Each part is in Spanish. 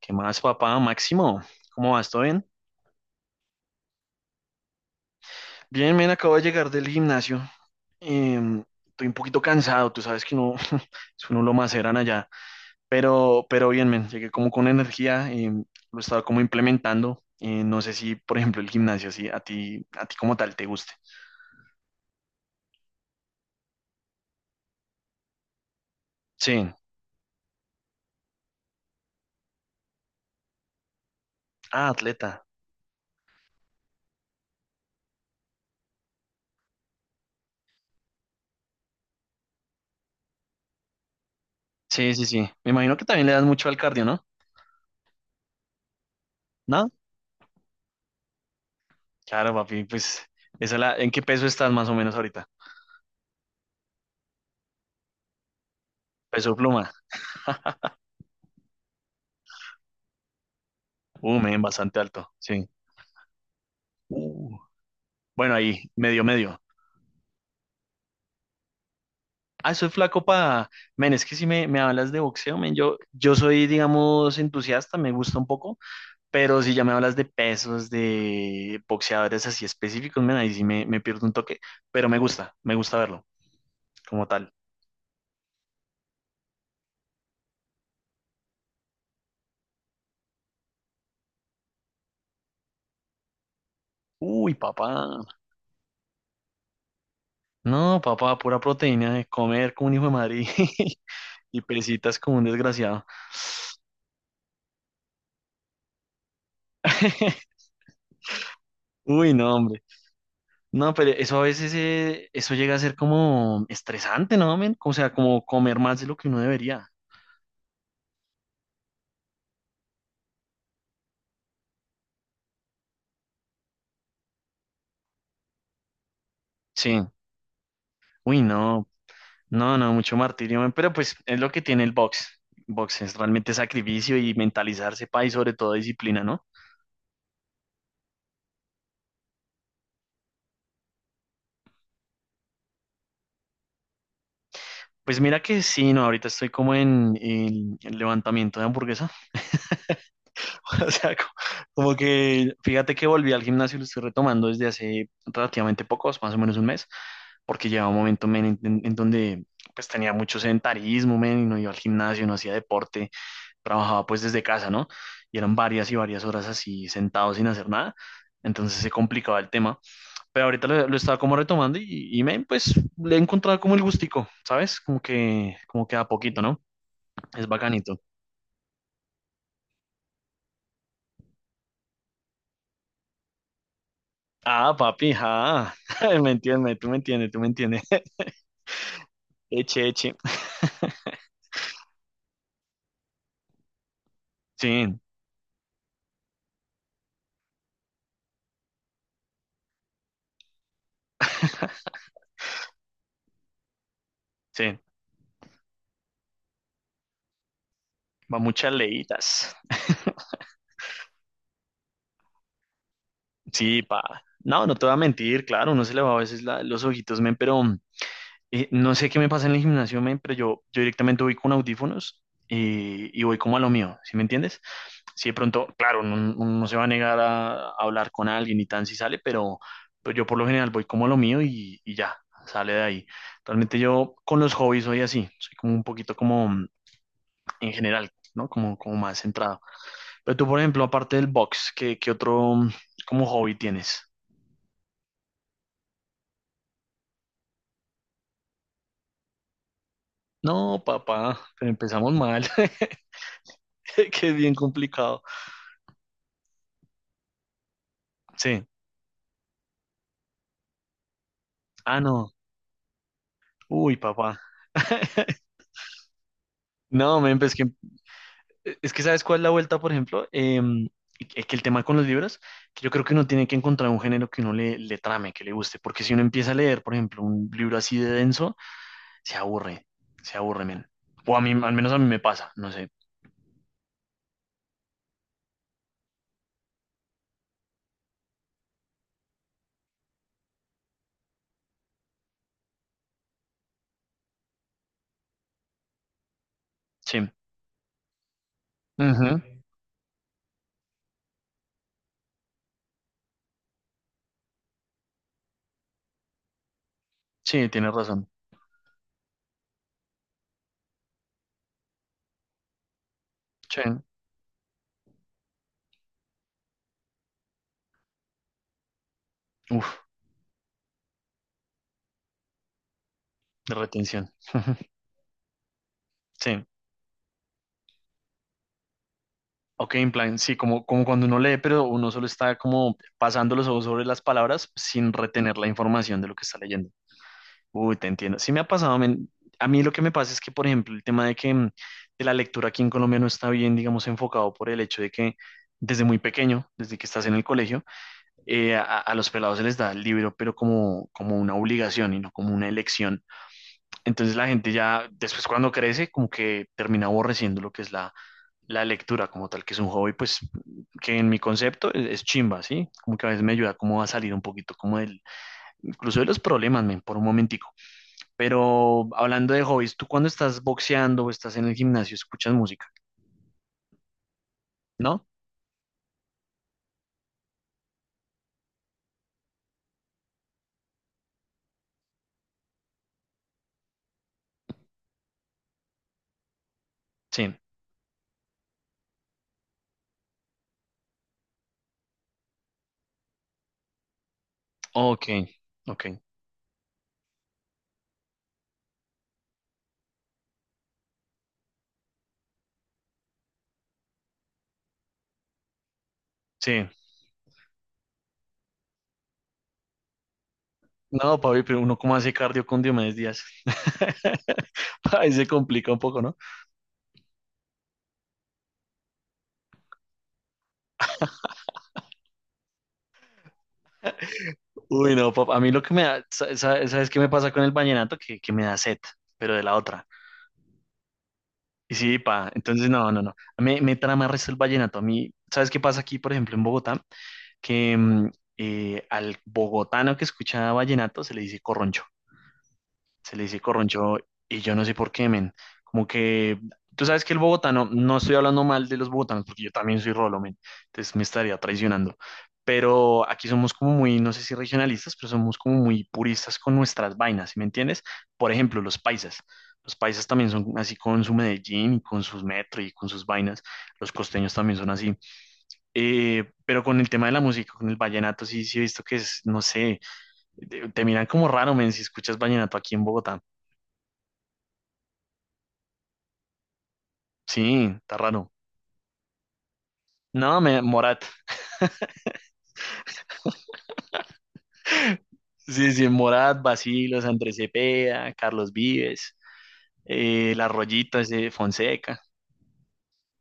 ¿Qué más, papá? Máximo, ¿cómo vas? ¿Todo bien? Bien, men, acabo de llegar del gimnasio. Estoy un poquito cansado, tú sabes que no, es uno lo maceran allá. Pero bien, men, llegué como con energía, lo estaba como implementando. No sé si, por ejemplo, el gimnasio, así, a ti como tal te guste. Sí, ah, atleta. Sí, sí, sí. Me imagino que también le das mucho al cardio, ¿no? ¿No? Claro, papi, pues, esa la, ¿en qué peso estás más o menos ahorita? Peso pluma. Men, bastante alto, sí. Bueno, ahí, medio, medio. Ah, soy flaco para... Men, es que si me hablas de boxeo, men, yo soy, digamos, entusiasta, me gusta un poco, pero si ya me hablas de pesos, de boxeadores así específicos, men, ahí sí me pierdo un toque, pero me gusta verlo como tal. Uy, papá. No, papá, pura proteína de comer como un hijo de Madrid y y presitas como un desgraciado. Uy, no, hombre. No, pero eso a veces, eso llega a ser como estresante, ¿no, men? O sea, como comer más de lo que uno debería. Sí. Uy, no, no, no, mucho martirio, men. Pero pues es lo que tiene el box. Box es realmente sacrificio y mentalizarse, pa, y sobre todo disciplina, ¿no? Pues mira que sí, no, ahorita estoy como en el levantamiento de hamburguesa. O sea, como, que fíjate que volví al gimnasio y lo estoy retomando desde hace relativamente pocos, más o menos un mes, porque llevaba un momento men, en donde pues tenía mucho sedentarismo, men, y no iba al gimnasio, no hacía deporte, trabajaba pues desde casa, ¿no? Y eran varias y varias horas así sentado sin hacer nada. Entonces se complicaba el tema, pero ahorita lo estaba como retomando y men, pues le he encontrado como el gustico, ¿sabes? Como que a poquito, ¿no? Es bacanito. Ah, papi, ah. Me entiendes, tú me entiendes, tú me entiendes. Eche, eche. Sí, sí. Va muchas leídas. Sí, pa. No, no te voy a mentir, claro, uno se le va a veces los ojitos, men, pero no sé qué me pasa en el gimnasio, men, pero yo directamente voy con audífonos y voy como a lo mío, ¿sí me entiendes? Si de pronto, claro, no se va a negar a hablar con alguien y tan si sale, pero yo por lo general voy como a lo mío y ya, sale de ahí. Realmente yo con los hobbies soy así, soy como un poquito como en general, ¿no? Como más centrado. Pero tú, por ejemplo, aparte del box, ¿qué otro como hobby tienes? No, papá, pero empezamos mal, que es bien complicado. Sí. Ah, no. Uy, papá. No, men, pues que es que sabes cuál es la vuelta, por ejemplo, que el tema con los libros, que yo creo que uno tiene que encontrar un género que uno le trame, que le guste, porque si uno empieza a leer, por ejemplo, un libro así de denso, se aburre, se aburre, men. O a mí, al menos a mí me pasa, no sé. Sí. Ujú. Sí, tienes razón. Sí. Uf, de retención. Sí. Ok, en plan, sí, como cuando uno lee, pero uno solo está como pasando los ojos sobre las palabras sin retener la información de lo que está leyendo. Uy, te entiendo. Sí me ha pasado, men. A mí lo que me pasa es que, por ejemplo, el tema de que de la lectura aquí en Colombia no está bien, digamos, enfocado por el hecho de que desde muy pequeño, desde que estás en el colegio, a los pelados se les da el libro, pero como una obligación y no como una elección. Entonces la gente ya, después cuando crece, como que termina aborreciendo lo que es la lectura como tal, que es un hobby, pues que en mi concepto es chimba, ¿sí? Como que a veces me ayuda como a salir un poquito como del, incluso de los problemas, men, por un momentico. Pero hablando de hobbies, ¿tú cuando estás boxeando o estás en el gimnasio escuchas música? ¿No? Sí. Ok, ok. Sí. No, Pablo, pero uno cómo hace cardio con Diomedes Díaz. Ahí se complica un poco, ¿no? Uy, no, papá. A mí lo que me da, ¿sabes qué me pasa con el vallenato? Que me da sed, pero de la otra. Y sí, pa, entonces no, no, no. Me trama el resto el vallenato. A mí, ¿sabes qué pasa aquí, por ejemplo, en Bogotá? Que al bogotano que escucha vallenato se le dice corroncho. Se le dice corroncho y yo no sé por qué, men. Como que tú sabes que el bogotano, no estoy hablando mal de los bogotanos porque yo también soy rolo, men. Entonces me estaría traicionando. Pero aquí somos como muy, no sé si regionalistas, pero somos como muy puristas con nuestras vainas, ¿sí me entiendes? Por ejemplo, los paisas. Los paisas también son así con su Medellín y con sus metro y con sus vainas. Los costeños también son así. Pero con el tema de la música, con el vallenato, sí, sí he visto que es, no sé, te miran como raro, men, si escuchas vallenato aquí en Bogotá. Sí, está raro. No, Morat. Sí, sí, Morat, Bacilos, Andrés Cepeda, Carlos Vives, Las Rollitas de Fonseca.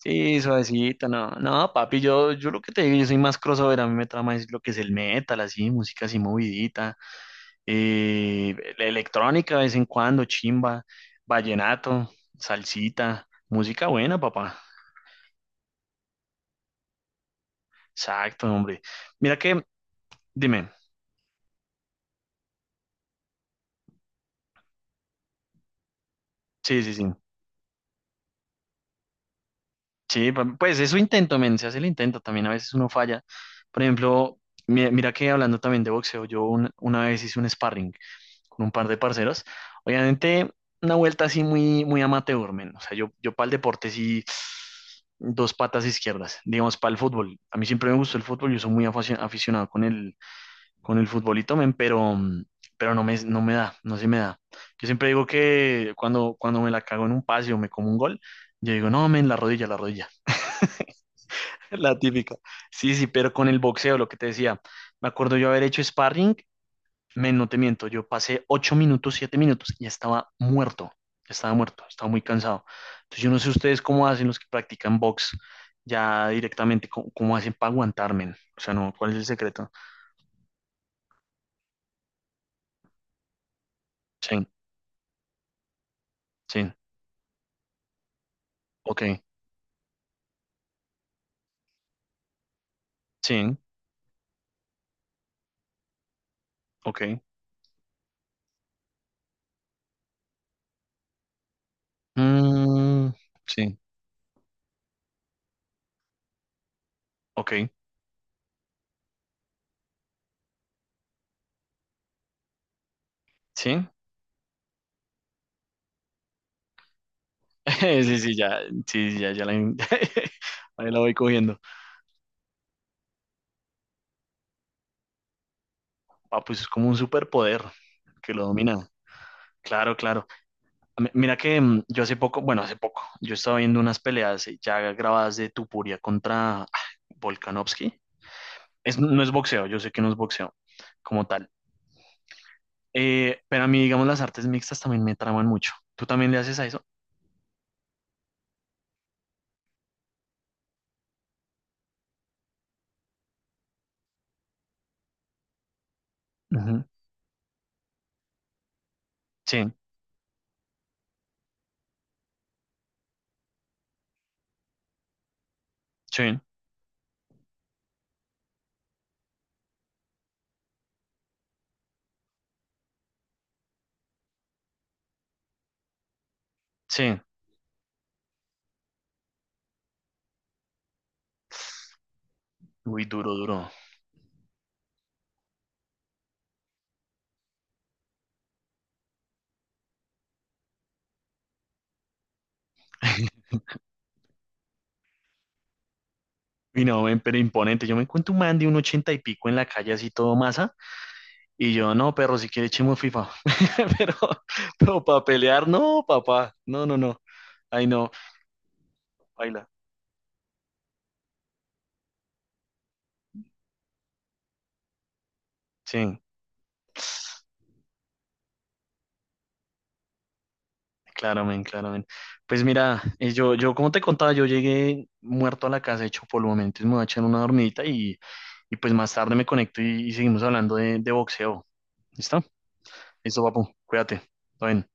Sí, suavecito, no. No, papi, yo lo que te digo, yo soy más crossover, a mí me trama es lo que es el metal, así, música así movidita, la electrónica de vez en cuando, chimba, vallenato, salsita, música buena, papá. Exacto, hombre. Mira que, dime, sí, sí, sí. Sí, pues eso intento, men, se hace el intento, también a veces uno falla. Por ejemplo, mira que hablando también de boxeo, yo una vez hice un sparring con un par de parceros, obviamente una vuelta así muy, muy amateur, men, o sea, yo para el deporte sí, dos patas izquierdas, digamos, para el fútbol, a mí siempre me gustó el fútbol, yo soy muy aficionado con el futbolito, men, pero no me da, no se me da. Yo siempre digo que cuando me la cago en un pase o me como un gol, yo digo, no, men, la rodilla, la rodilla. La típica. Sí, sí, pero con el boxeo, lo que te decía, me acuerdo yo haber hecho sparring, no te miento, yo pasé 8 minutos, 7 minutos y ya estaba muerto, estaba muy cansado. Entonces yo no sé ustedes cómo hacen los que practican box ya directamente, cómo hacen para aguantarme. O sea, no, ¿cuál es el secreto? Sí, sí, ok, sí, ok. Mm, sí, ok, sí. Sí, sí, ya, sí, ya, ya la, ahí la voy cogiendo. Ah, pues es como un superpoder que lo domina. Claro, claro. Mira que yo hace poco, bueno, hace poco, yo estaba viendo unas peleas ya grabadas de Tupuria contra Volkanovski. No es boxeo, yo sé que no es boxeo como tal. Pero a mí, digamos, las artes mixtas también me traman mucho. ¿Tú también le haces a eso? Ujú. Sí, sí, sí. Uy, duro, duro. Y no, ven, pero imponente. Yo me encuentro un man de un ochenta y pico en la calle, así todo masa. Y yo, no, perro, si quiere echemos FIFA. Pero, pero para pelear, no, papá. No, no, no. Ay, no, baila. Sí. Claro, men, claro, men. Pues mira, yo, como te contaba, yo llegué muerto a la casa, hecho polvo, men. Entonces me voy a echar una dormidita y pues más tarde me conecto y seguimos hablando de boxeo. ¿Listo? Listo, papu. Cuídate. Todo bien.